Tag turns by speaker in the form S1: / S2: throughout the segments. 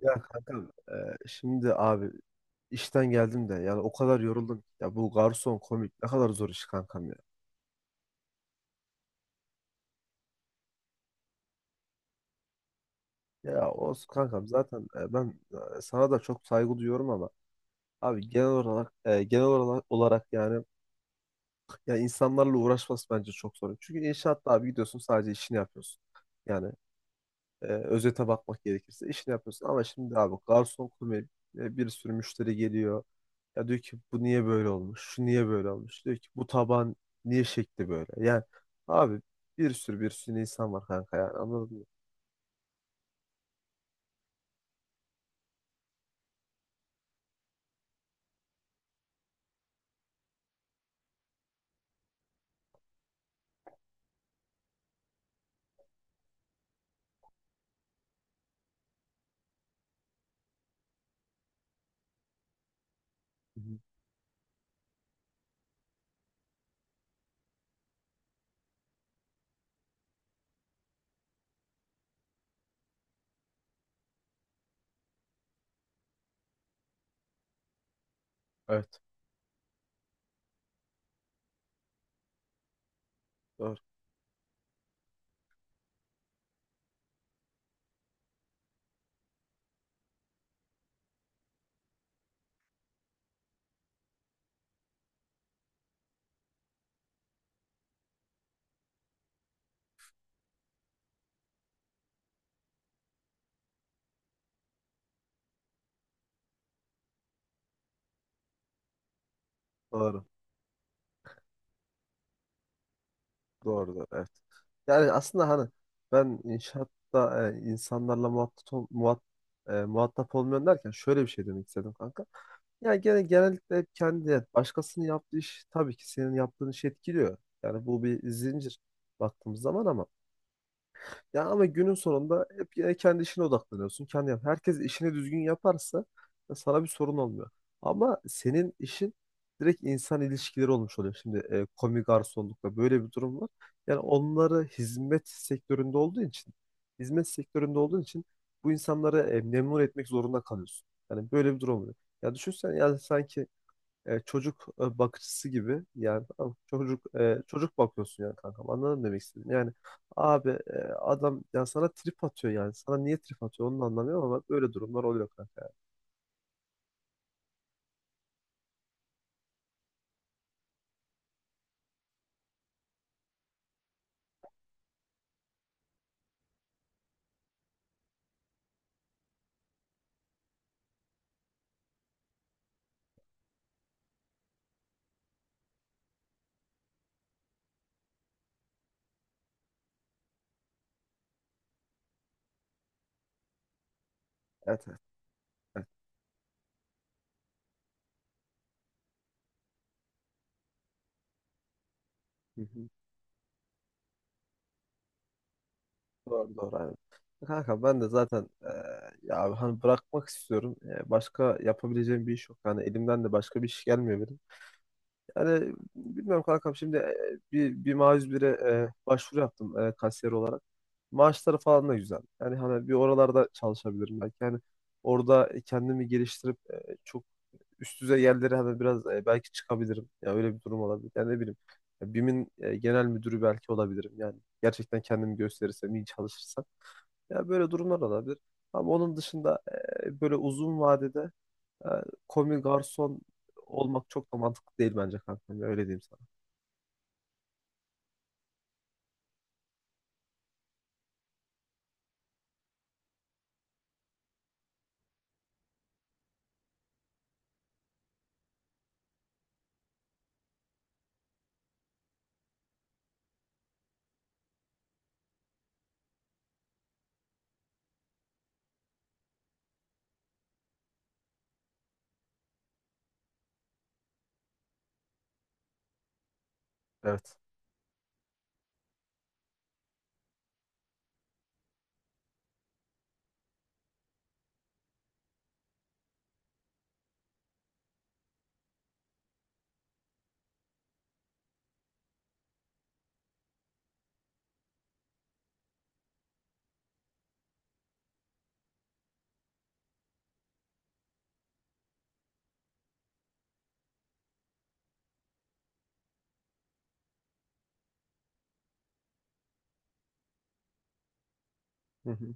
S1: Ya kankam, şimdi abi işten geldim de yani o kadar yoruldum. Ya bu garson komik ne kadar zor iş kankam ya. Ya olsun kankam zaten, sana da çok saygı duyuyorum ama abi genel olarak yani ya insanlarla uğraşması bence çok zor. Çünkü inşaatta abi gidiyorsun sadece işini yapıyorsun. Yani özete bakmak gerekirse işini yapıyorsun ama şimdi abi garson komik, bir sürü müşteri geliyor. Ya diyor ki bu niye böyle olmuş? Şu niye böyle olmuş? Diyor ki bu taban niye şekli böyle? Yani abi bir sürü insan var kanka, yani anladın mı? Hı hı. Evet. Doğru. Doğru. Doğru, evet. Yani aslında hani ben inşaatta e, insanlarla muhatap, ol- muhat, e, muhatap olmuyorum derken şöyle bir şey demek istedim kanka. Yani genellikle hep kendi, yani başkasının yaptığı iş tabii ki senin yaptığın işi etkiliyor. Yani bu bir zincir baktığımız zaman, ama ya ama günün sonunda hep yine kendi işine odaklanıyorsun. Kendi yap. Herkes işini düzgün yaparsa ya sana bir sorun olmuyor. Ama senin işin direkt insan ilişkileri olmuş oluyor. Şimdi komi garsonlukla böyle bir durum var. Yani onları hizmet sektöründe olduğu için, hizmet sektöründe olduğun için bu insanları memnun etmek zorunda kalıyorsun. Yani böyle bir durum oluyor. Ya düşünsen, yani sanki bakıcısı gibi, yani tamam mı? Çocuk çocuk bakıyorsun yani kankam, anladın mı demek istedim yani abi, adam ya sana trip atıyor, yani sana niye trip atıyor onu da anlamıyorum ama böyle durumlar oluyor kanka yani. Evet, evet, evet. Hı hı. Doğru, doğru, aynen. Kanka ben de zaten, ya abi hani bırakmak istiyorum. Başka yapabileceğim bir iş yok, yani elimden de başka bir iş gelmiyor benim. Yani bilmiyorum kankam, şimdi bir başvuru yaptım, kasiyer olarak. Maaşları falan da güzel. Yani hani bir oralarda çalışabilirim belki. Yani orada kendimi geliştirip, çok üst düzey yerlere hani biraz, belki çıkabilirim. Ya öyle bir durum olabilir. Yani ne bileyim. Ya BİM'in genel müdürü belki olabilirim. Yani gerçekten kendimi gösterirsem, iyi çalışırsam. Ya böyle durumlar olabilir. Ama onun dışında, böyle uzun vadede e, komi garson olmak çok da mantıklı değil bence kankam. Ya öyle diyeyim sana. Evet. Hı hı.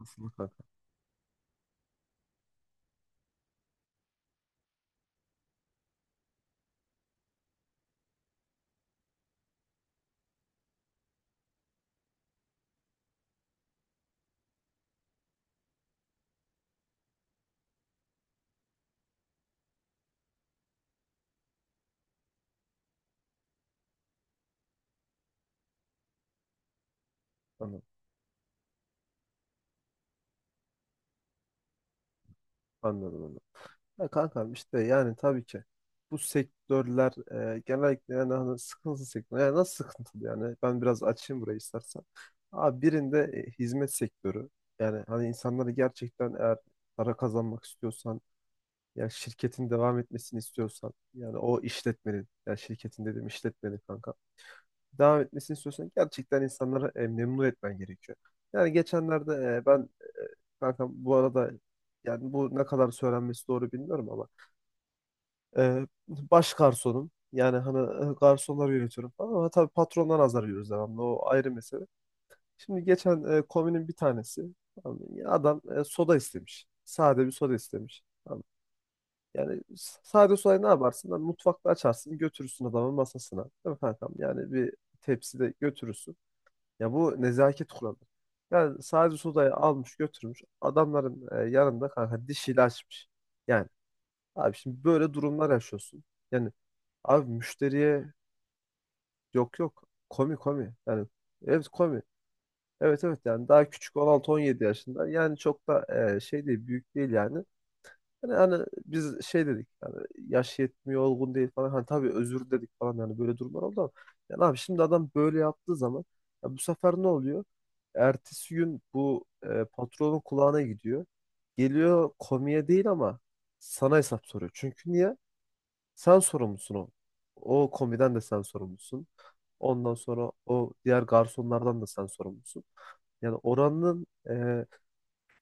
S1: Aslında. Kanka, anladım, anladım onu. Ya kankam, işte yani tabii ki bu sektörler genellikle yani hani sıkıntılı sektör. Yani nasıl sıkıntılı yani? Ben biraz açayım burayı istersen. Abi birinde hizmet sektörü. Yani hani insanları gerçekten, eğer para kazanmak istiyorsan, yani şirketin devam etmesini istiyorsan, yani o işletmenin, yani şirketin dedim, işletmenin kanka, devam etmesini istiyorsan gerçekten insanları memnun etmen gerekiyor. Yani geçenlerde, e, ben e, kankam bu arada, yani bu ne kadar söylenmesi doğru bilmiyorum ama baş garsonum. Yani hani garsonları yönetiyorum falan, ama tabii patrondan azar yiyoruz devamlı. O ayrı mesele. Şimdi geçen komünün bir tanesi, tamam mı? Ya adam soda istemiş. Sade bir soda istemiş. Tamam mı? Yani sade sodayı ne yaparsın? Lan mutfakta açarsın, götürürsün adamın masasına. Değil mi kankam? Yani bir tepside götürürsün. Ya bu nezaket kuralı. Yani sadece sodayı almış götürmüş. Adamların yanında kanka dişiyle açmış. Yani abi şimdi böyle durumlar yaşıyorsun. Yani abi müşteriye. Yok yok, komi. Yani evet, komi. Evet, evet, yani daha küçük, 16-17 yaşında. Yani çok da e, şey değil büyük değil yani. Yani hani biz şey dedik yani, yaş yetmiyor, olgun değil falan, hani tabii özür dedik falan, yani böyle durumlar oldu. Ama yani abi, şimdi adam böyle yaptığı zaman ya bu sefer ne oluyor? Ertesi gün bu patronun kulağına gidiyor. Geliyor, komiye değil ama sana hesap soruyor. Çünkü niye? Sen sorumlusun o. O komiden de sen sorumlusun. Ondan sonra o diğer garsonlardan da sen sorumlusun. Yani oranın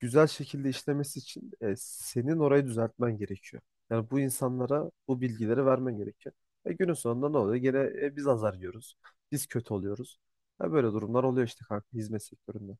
S1: güzel şekilde işlemesi için senin orayı düzeltmen gerekiyor. Yani bu insanlara bu bilgileri vermen gerekiyor. Günün sonunda ne oluyor? Gene biz azar yiyoruz. Biz kötü oluyoruz. Ya böyle durumlar oluyor işte kanka, hizmet sektöründe.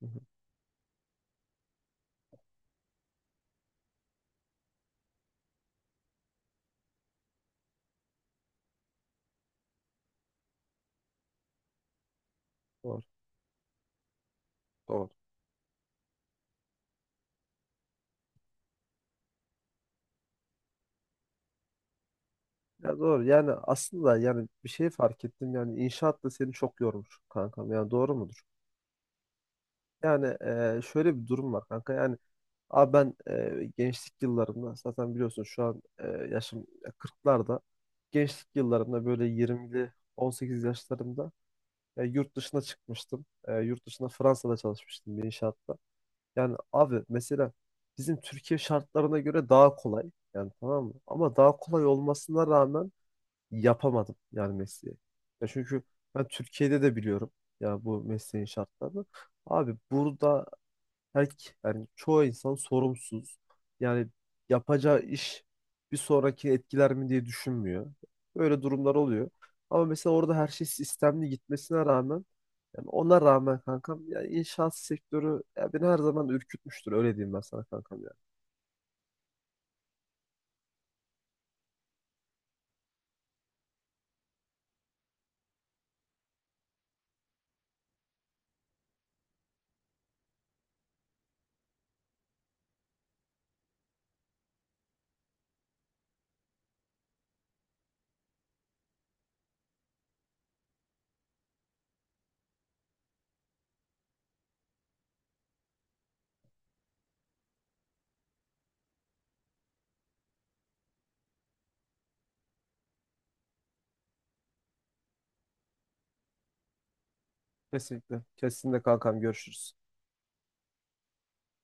S1: Hı hı. Doğru, doğru. Ya doğru, yani aslında yani bir şey fark ettim, yani inşaat da seni çok yormuş kankam. Yani doğru mudur? Yani şöyle bir durum var kanka. Yani abi ben gençlik yıllarımda zaten biliyorsun şu an yaşım 40'larda. Gençlik yıllarımda böyle 20'li 18 yaşlarımda yurt dışına çıkmıştım. E, yurt dışında Fransa'da çalışmıştım bir inşaatta. Yani abi mesela bizim Türkiye şartlarına göre daha kolay. Yani tamam mı? Ama daha kolay olmasına rağmen yapamadım yani mesleği. Ya çünkü ben Türkiye'de de biliyorum ya bu mesleğin şartlarını. Abi burada her, yani çoğu insan sorumsuz. Yani yapacağı iş bir sonraki etkiler mi diye düşünmüyor. Böyle durumlar oluyor. Ama mesela orada her şey sistemli gitmesine rağmen, yani ona rağmen kankam, yani inşaat sektörü ya beni her zaman ürkütmüştür, öyle diyeyim ben sana kankam ya. Kesinlikle. Kesinlikle kankam, görüşürüz.